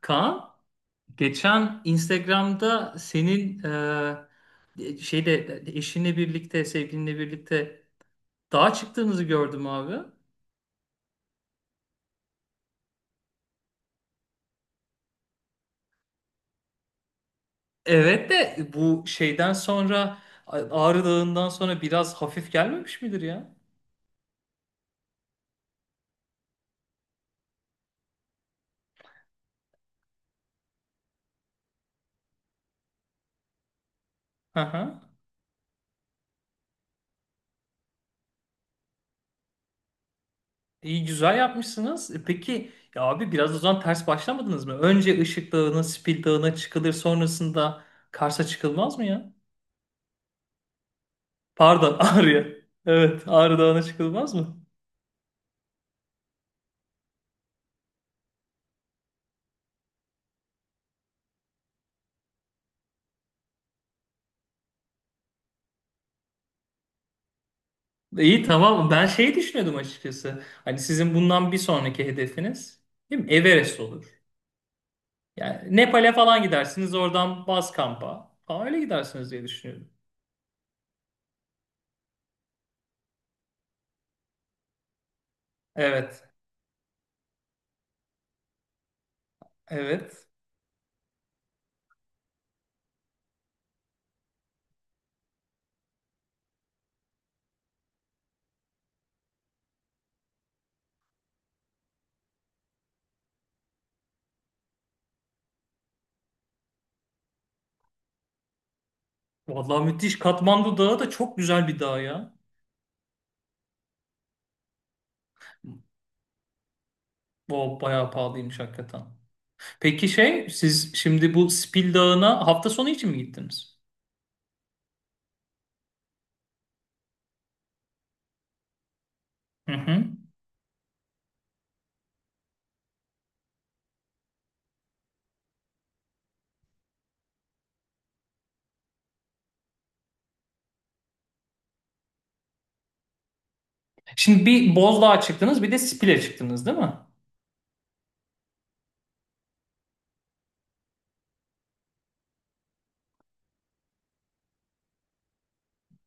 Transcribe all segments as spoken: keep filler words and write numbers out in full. Kaan, geçen Instagram'da senin e, şeyle eşinle birlikte, sevgilinle birlikte dağa çıktığınızı gördüm abi. Evet de bu şeyden sonra Ağrı Dağı'ndan sonra biraz hafif gelmemiş midir ya? Hı hı. İyi güzel yapmışsınız. E Peki ya abi biraz o zaman ters başlamadınız mı? Önce Işık Dağı'na, Spil Dağı'na çıkılır sonrasında Kars'a çıkılmaz mı ya? Pardon Ağrı'ya. Evet Ağrı Dağı'na çıkılmaz mı? İyi tamam. Ben şey düşünüyordum açıkçası. Hani sizin bundan bir sonraki hedefiniz değil mi? Everest olur. Yani Nepal'e falan gidersiniz. Oradan baz kampa falan öyle gidersiniz diye düşünüyorum. Evet. Evet. Vallahi müthiş. Katmandu Dağı da çok güzel bir dağ ya. O bayağı pahalıymış hakikaten. Peki şey siz şimdi bu Spil Dağı'na hafta sonu için mi gittiniz? Hı hı. Şimdi bir Bozdağ'a çıktınız bir de Spil'e çıktınız değil mi?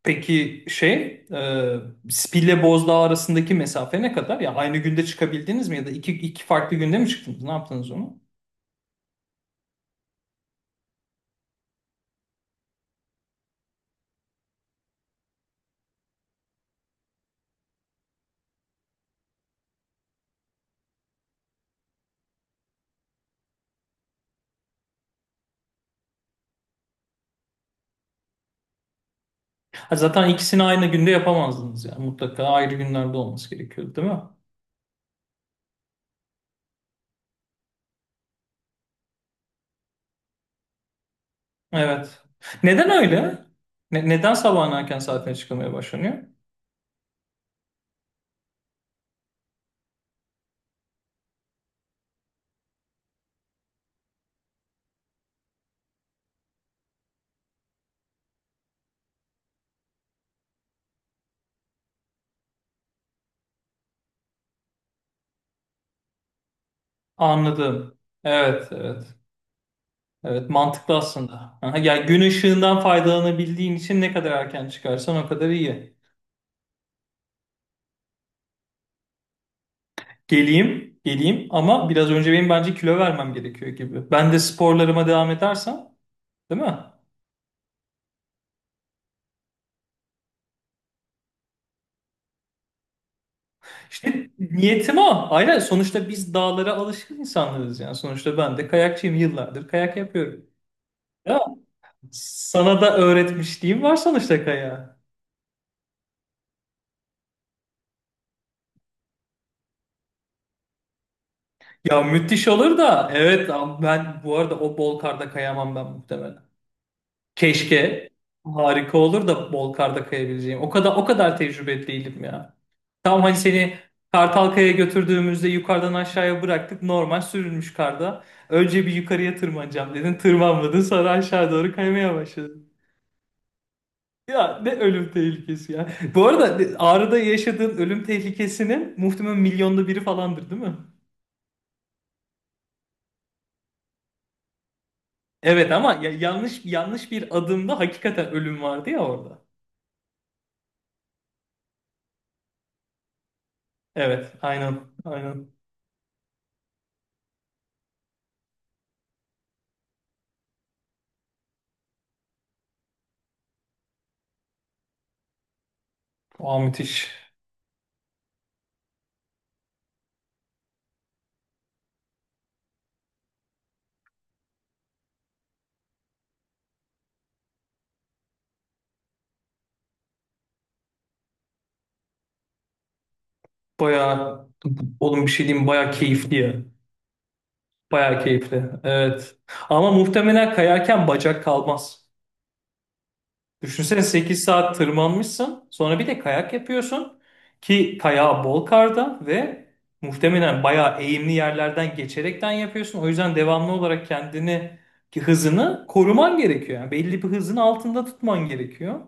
Peki şey, e, Spil'le Bozdağ arasındaki mesafe ne kadar? Ya aynı günde çıkabildiniz mi ya da iki, iki farklı günde mi çıktınız? Ne yaptınız onu? Ha, zaten ikisini aynı günde yapamazdınız ya. Mutlaka ayrı günlerde olması gerekiyordu, değil mi? Evet. Neden öyle? Ne- neden sabahın erken saatine çıkılmaya başlanıyor? Anladım. Evet, evet. Evet, mantıklı aslında. Aha, ya gün ışığından faydalanabildiğin için ne kadar erken çıkarsan o kadar iyi. Geleyim, geleyim ama biraz önce benim bence kilo vermem gerekiyor gibi. Ben de sporlarıma devam edersem, değil mi? İşte niyetim o. Aynen sonuçta biz dağlara alışkın insanlarız yani. Sonuçta ben de kayakçıyım yıllardır kayak yapıyorum. Ya sana da öğretmişliğim var sonuçta kayağı. Ya müthiş olur da evet ama ben bu arada o bol karda kayamam ben muhtemelen. Keşke harika olur da bol karda kayabileceğim. O kadar o kadar tecrübeli değilim ya. Tam hani seni Kartalkaya götürdüğümüzde yukarıdan aşağıya bıraktık. Normal sürülmüş karda. Önce bir yukarıya tırmanacağım dedin. Tırmanmadın sonra aşağı doğru kaymaya başladın. Ya ne ölüm tehlikesi ya. Bu arada Ağrı'da yaşadığın ölüm tehlikesinin muhtemelen milyonda biri falandır değil mi? Evet ama ya- yanlış yanlış bir adımda hakikaten ölüm vardı ya orada. Evet aynen aynen. Aa müthiş. Bayağı oğlum bir şey diyeyim mi? bayağı keyifli ya. Bayağı keyifli. Evet. Ama muhtemelen kayarken bacak kalmaz. Düşünsene sekiz saat tırmanmışsın. Sonra bir de kayak yapıyorsun. Ki kayağı bol karda ve muhtemelen bayağı eğimli yerlerden geçerekten yapıyorsun. O yüzden devamlı olarak kendini ki hızını koruman gerekiyor. Yani belli bir hızın altında tutman gerekiyor.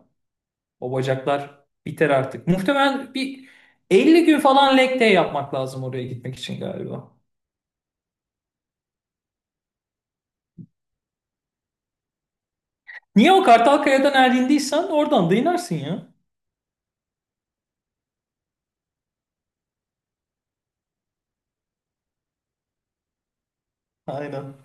O bacaklar biter artık. Muhtemelen bir elli gün falan leg day yapmak lazım oraya gitmek için galiba. Niye o Kartalkaya'dan erindiysen oradan da inersin ya. Aynen.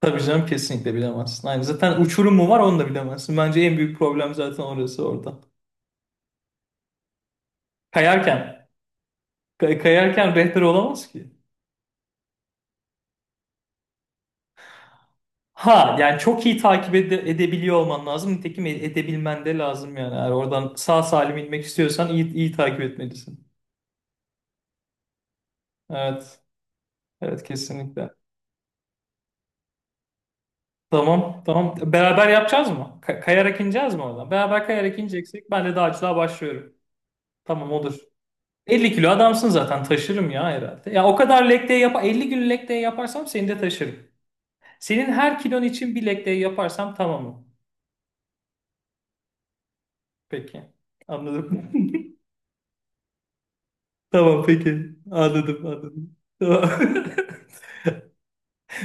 Tabii canım kesinlikle bilemezsin. Aynen. Zaten uçurum mu var onu da bilemezsin. Bence en büyük problem zaten orası orada. Kayarken. kay- kayarken rehber olamaz ki. Ha yani çok iyi takip ede- edebiliyor olman lazım. Nitekim e- edebilmen de lazım yani. Eğer oradan sağ salim inmek istiyorsan iyi, iyi takip etmelisin. Evet. Evet kesinlikle. Tamam. Tamam. Beraber yapacağız mı? Ka- kayarak ineceğiz mi oradan? Beraber kayarak ineceksek ben de dağcılığa başlıyorum. Tamam olur. elli kilo adamsın zaten taşırım ya herhalde. Ya o kadar leg day yap elli gün leg day yaparsam seni de taşırım. Senin her kilon için bir leg day yaparsam tamam mı? Peki. Anladım. Tamam peki. Anladım anladım. Tamam.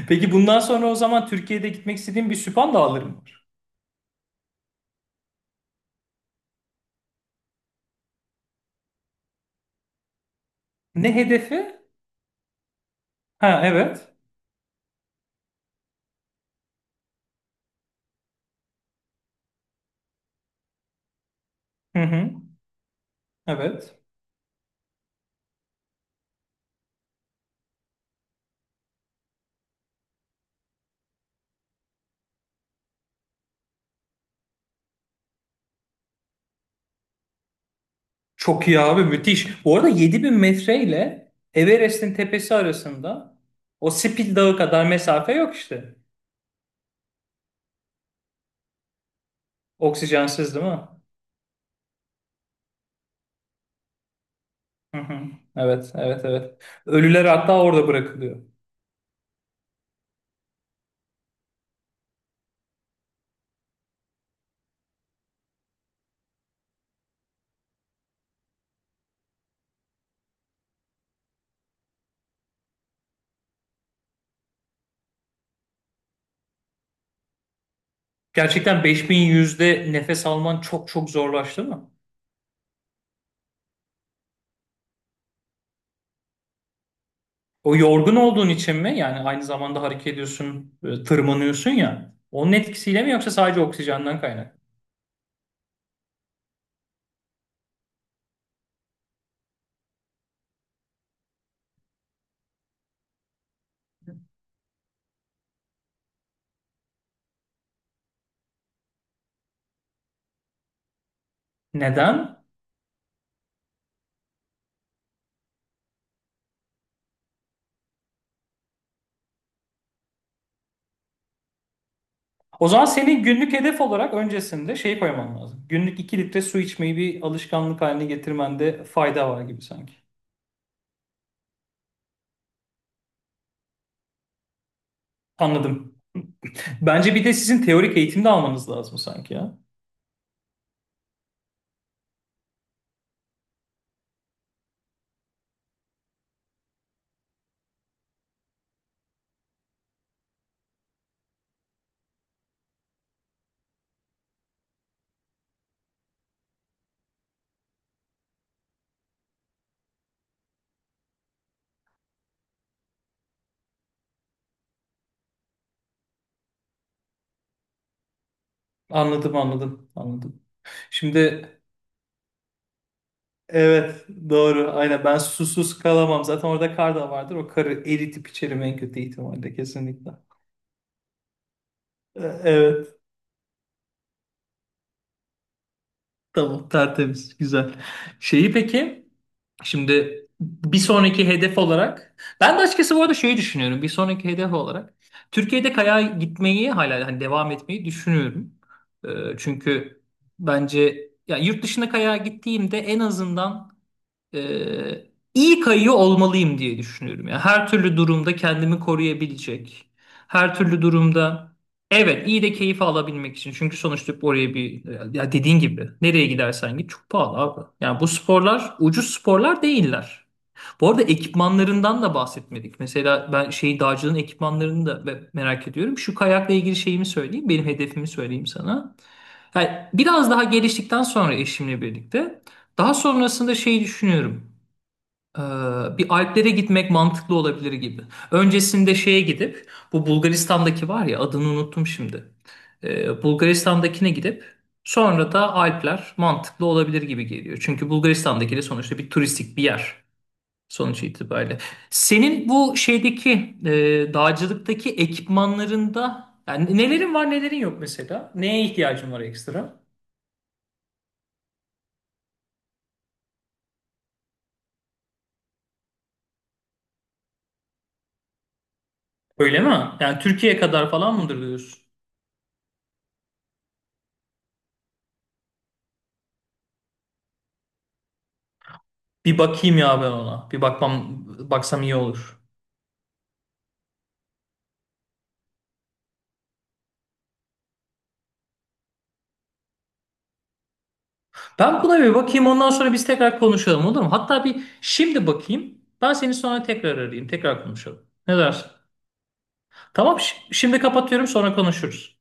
Peki bundan sonra o zaman Türkiye'de gitmek istediğim bir süphan dağlarım var. Ne hedefi? Ha evet. Hı hı. Evet. Çok iyi abi müthiş. Bu arada yedi bin metre ile Everest'in tepesi arasında o Spil Dağı kadar mesafe yok işte. Oksijensiz değil mi? Hı hı. Evet, evet, evet. Ölüler hatta orada bırakılıyor. Gerçekten beş bin yüzde nefes alman çok çok zorlaştı mı? O yorgun olduğun için mi? Yani aynı zamanda hareket ediyorsun, e, tırmanıyorsun ya. Onun etkisiyle mi yoksa sadece oksijenden kaynak? Neden? O zaman senin günlük hedef olarak öncesinde şey koyman lazım. Günlük iki litre su içmeyi bir alışkanlık haline getirmende fayda var gibi sanki. Anladım. Bence bir de sizin teorik eğitim de almanız lazım sanki ya. Anladım, anladım, anladım. Şimdi Evet doğru aynen ben susuz kalamam zaten orada kar da vardır o karı eritip içerim en kötü ihtimalle kesinlikle. E, Evet tamam tertemiz güzel. Şeyi peki şimdi bir sonraki hedef olarak ben de açıkçası bu arada şeyi düşünüyorum bir sonraki hedef olarak Türkiye'de kayağa gitmeyi hala hani devam etmeyi düşünüyorum. E, Çünkü bence ya yurt dışına kayağa gittiğimde en azından Ee, iyi kayıyor olmalıyım diye düşünüyorum. Yani her türlü durumda kendimi koruyabilecek. Her türlü durumda evet iyi de keyif alabilmek için. Çünkü sonuçta oraya bir ya dediğin gibi nereye gidersen git çok pahalı abi. Yani bu sporlar ucuz sporlar değiller. Bu arada ekipmanlarından da bahsetmedik. Mesela ben şey dağcılığın ekipmanlarını da be- merak ediyorum. Şu kayakla ilgili şeyimi söyleyeyim. Benim hedefimi söyleyeyim sana. Yani biraz daha geliştikten sonra eşimle birlikte daha sonrasında şeyi düşünüyorum. Ee, bir Alplere gitmek mantıklı olabilir gibi. Öncesinde şeye gidip bu Bulgaristan'daki var ya adını unuttum şimdi. Ee, Bulgaristan'dakine gidip sonra da Alpler mantıklı olabilir gibi geliyor. Çünkü Bulgaristan'daki de sonuçta bir turistik bir yer sonuç itibariyle. Senin bu şeydeki e, dağcılıktaki ekipmanlarında yani nelerin var nelerin yok mesela? Neye ihtiyacın var ekstra? Öyle mi? Yani Türkiye kadar falan mıdır diyorsun? Bir bakayım ya ben ona. Bir bakmam baksam iyi olur. Ben buna bir bakayım ondan sonra biz tekrar konuşalım olur mu? Hatta bir şimdi bakayım. Ben seni sonra tekrar arayayım. Tekrar konuşalım. Ne dersin? Tamam şi- şimdi kapatıyorum sonra konuşuruz.